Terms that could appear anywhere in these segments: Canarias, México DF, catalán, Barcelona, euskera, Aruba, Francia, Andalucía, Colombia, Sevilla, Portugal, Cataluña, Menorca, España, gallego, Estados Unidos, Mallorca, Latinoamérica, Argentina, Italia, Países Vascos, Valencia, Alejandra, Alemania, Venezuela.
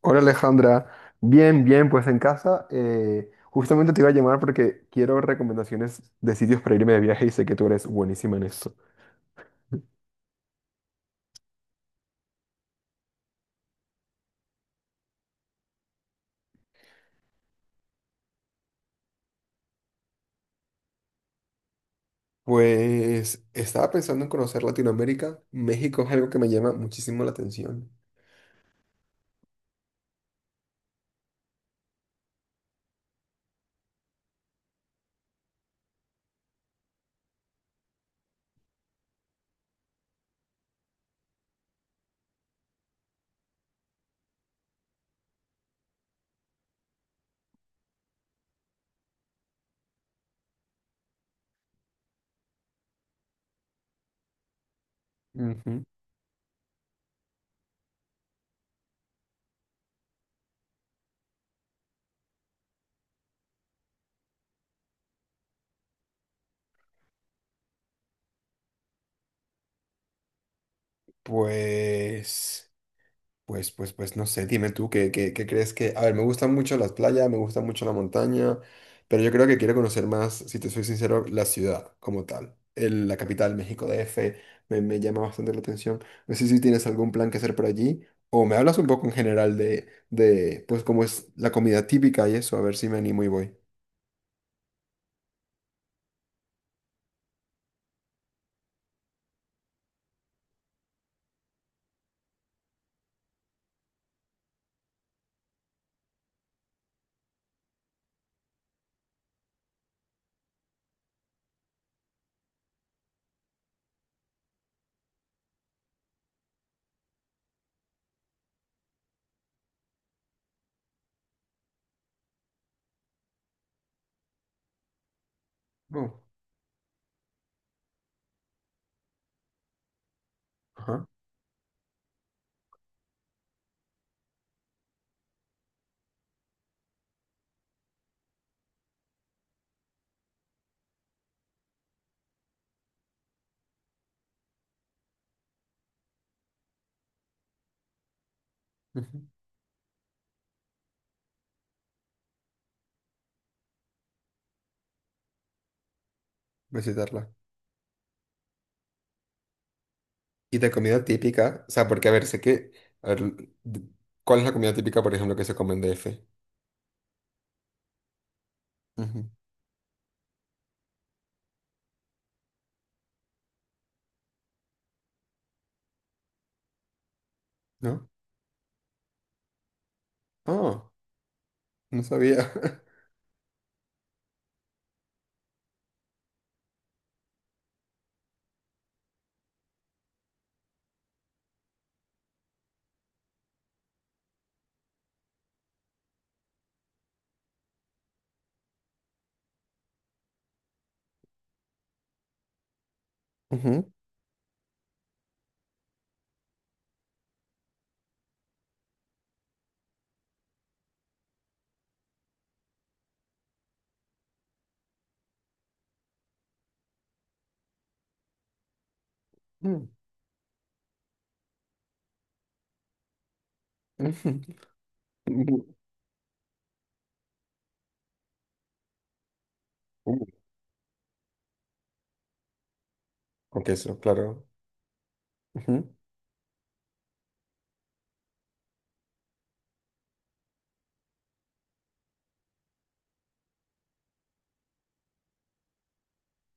Hola Alejandra, bien, bien, pues en casa. Justamente te iba a llamar porque quiero recomendaciones de sitios para irme de viaje y sé que tú eres buenísima en esto. Pues estaba pensando en conocer Latinoamérica. México es algo que me llama muchísimo la atención. Ujú. Pues... Pues no sé, dime tú qué crees que... A ver, me gustan mucho las playas, me gusta mucho la montaña, pero yo creo que quiero conocer más, si te soy sincero, la ciudad como tal. La capital, México DF, me llama bastante la atención. No sé si tienes algún plan que hacer por allí o me hablas un poco en general de pues, cómo es la comida típica y eso, a ver si me animo y voy. Oh, ajá, ujú, visitarla. Y de comida típica, o sea, porque a ver, sé que... A ver, ¿cuál es la comida típica, por ejemplo, que se come en DF? Ujú, ¿no? Ah, no sabía. Ujú, mm, ujú, ujú, ujú. Con queso, claro. Ujú,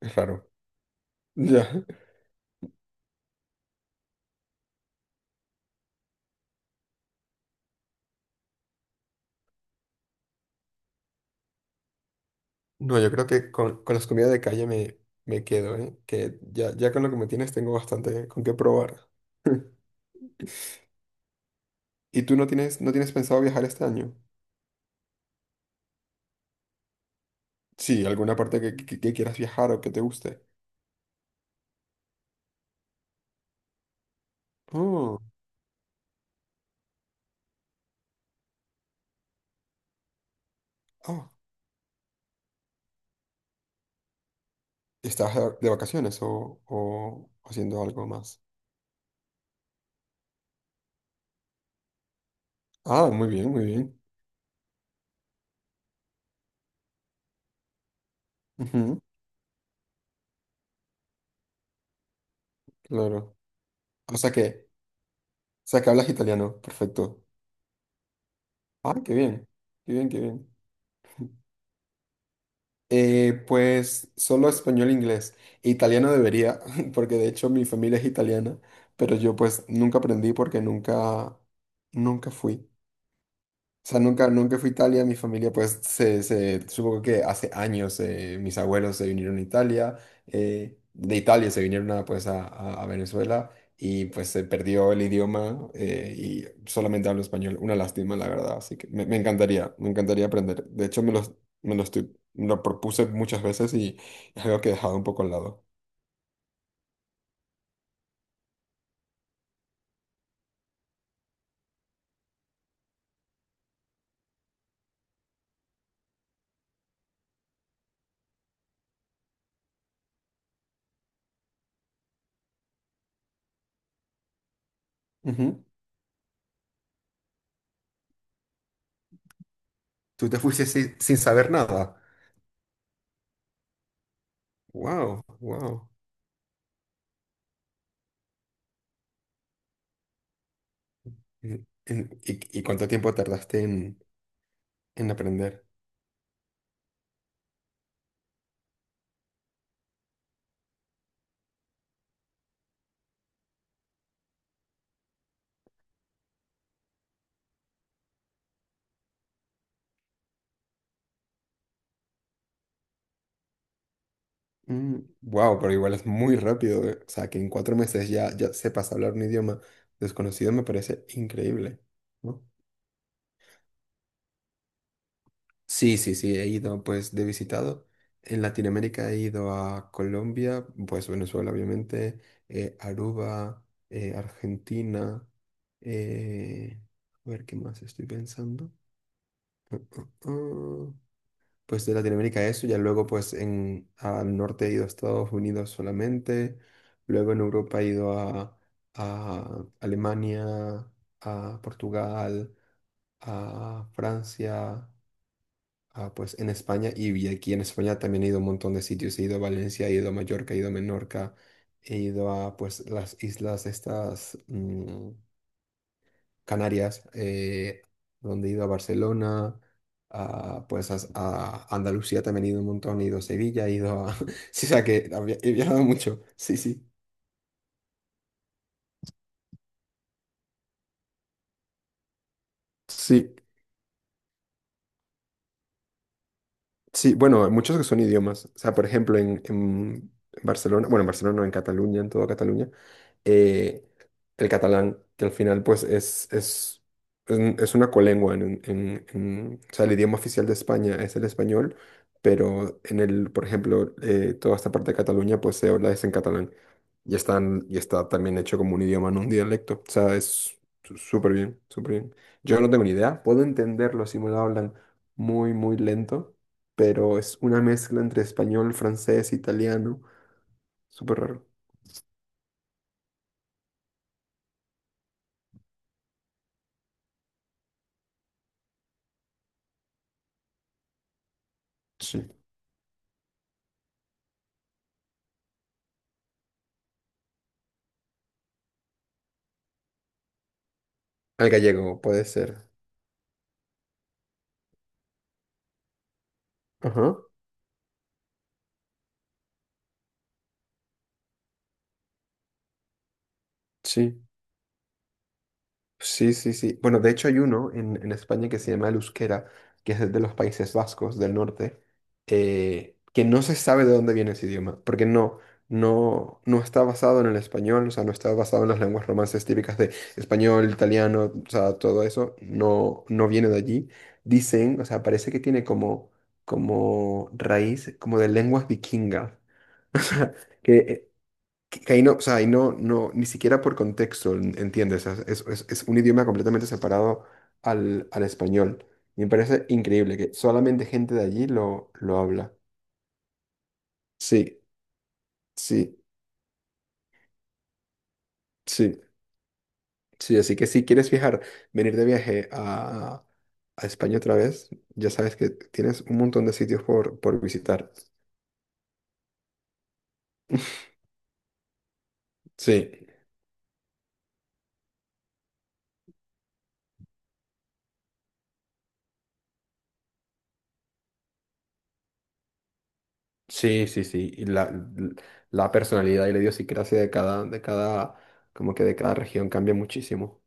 es raro. Ya. No, yo creo que con las comidas de calle me quedo, ¿eh? Que ya, ya con lo que me tienes tengo bastante con qué probar. ¿Y tú no tienes, no tienes pensado viajar este año? Sí, alguna parte que quieras viajar o que te guste. Oh, ah, ¿estás de vacaciones o haciendo algo más? Ah, muy bien, muy bien. Ujú, claro. O sea que O sea, que hablas italiano. Perfecto. Ah, qué bien. Qué bien, qué bien. Pues solo español e inglés. Italiano debería, porque de hecho mi familia es italiana, pero yo pues nunca aprendí porque nunca, nunca fui. O sea, nunca, nunca fui a Italia, mi familia pues se supongo que hace años mis abuelos se vinieron a Italia, de Italia se vinieron a, pues a, a Venezuela y pues se perdió el idioma, y solamente hablo español, una lástima la verdad, así que me encantaría aprender. De hecho me los- Me lo propuse muchas veces y es algo que he dejado un poco al lado. Ujú. ¿Tú te fuiste sin saber nada? Wow, wow. ¿Y, y y cuánto tiempo tardaste en aprender? Wow, pero igual es muy rápido. O sea, que en cuatro meses ya, ya sepas hablar un idioma desconocido me parece increíble, ¿no? Sí, sí, sí, he ido pues de visitado. En Latinoamérica he ido a Colombia, pues Venezuela obviamente, Aruba, Argentina, eh, a ver qué más estoy pensando. Ah, pues de Latinoamérica eso, ya luego pues al norte he ido a Estados Unidos solamente, luego en Europa he ido a Alemania, a Portugal, a Francia, a, pues en España, y aquí en España también he ido a un montón de sitios, he ido a Valencia, he ido a Mallorca, he ido a Menorca, he ido a pues las islas estas, mm, Canarias, donde he ido a Barcelona, a, pues a Andalucía también he ido un montón, he ido a Sevilla, he ido a... Sí, o sea que he viajado mucho, sí, sí. Sí. Sí, bueno, hay muchos que son idiomas. O sea, por ejemplo, en Barcelona, bueno, en Barcelona, no, en Cataluña, en toda Cataluña, eh, el catalán, que al final, pues, es es una colengua. O sea, el idioma oficial de España es el español, pero en el, por ejemplo, toda esta parte de Cataluña, pues, se habla es en catalán. Y está también hecho como un idioma, no un dialecto. O sea, es súper bien, súper bien. Yo no tengo ni idea. Puedo entenderlo si me lo hablan muy, muy lento, pero es una mezcla entre español, francés, italiano, súper raro. Sí. Al gallego, puede ser. Ajá, sí. Sí, sí, sí. Bueno, de hecho hay uno en España que se llama el euskera, que es de los Países Vascos del norte, que no se sabe de dónde viene ese idioma, porque no, no, no está basado en el español, o sea, no está basado en las lenguas romances típicas de español, italiano, o sea, todo eso, no, no viene de allí. Dicen, o sea, parece que tiene como, como raíz, como de lenguas vikingas, que eh, que ahí no, o sea, ahí no, no, ni siquiera por contexto, ¿entiendes? Es un idioma completamente separado al, al español. Y me parece increíble que solamente gente de allí lo habla. Sí, sí, sí, sí. Así que si quieres viajar, venir de viaje a España otra vez, ya sabes que tienes un montón de sitios por visitar. Sí, sí, sí, sí. Y la personalidad y la idiosincrasia de cada, como que de cada región cambia muchísimo.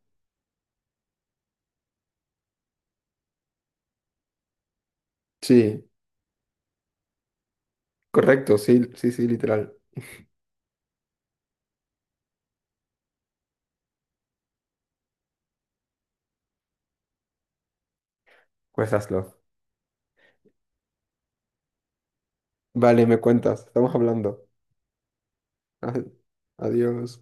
Sí. Correcto, sí, sí, sí, literal. Pues hazlo. Vale, me cuentas, estamos hablando. Adiós.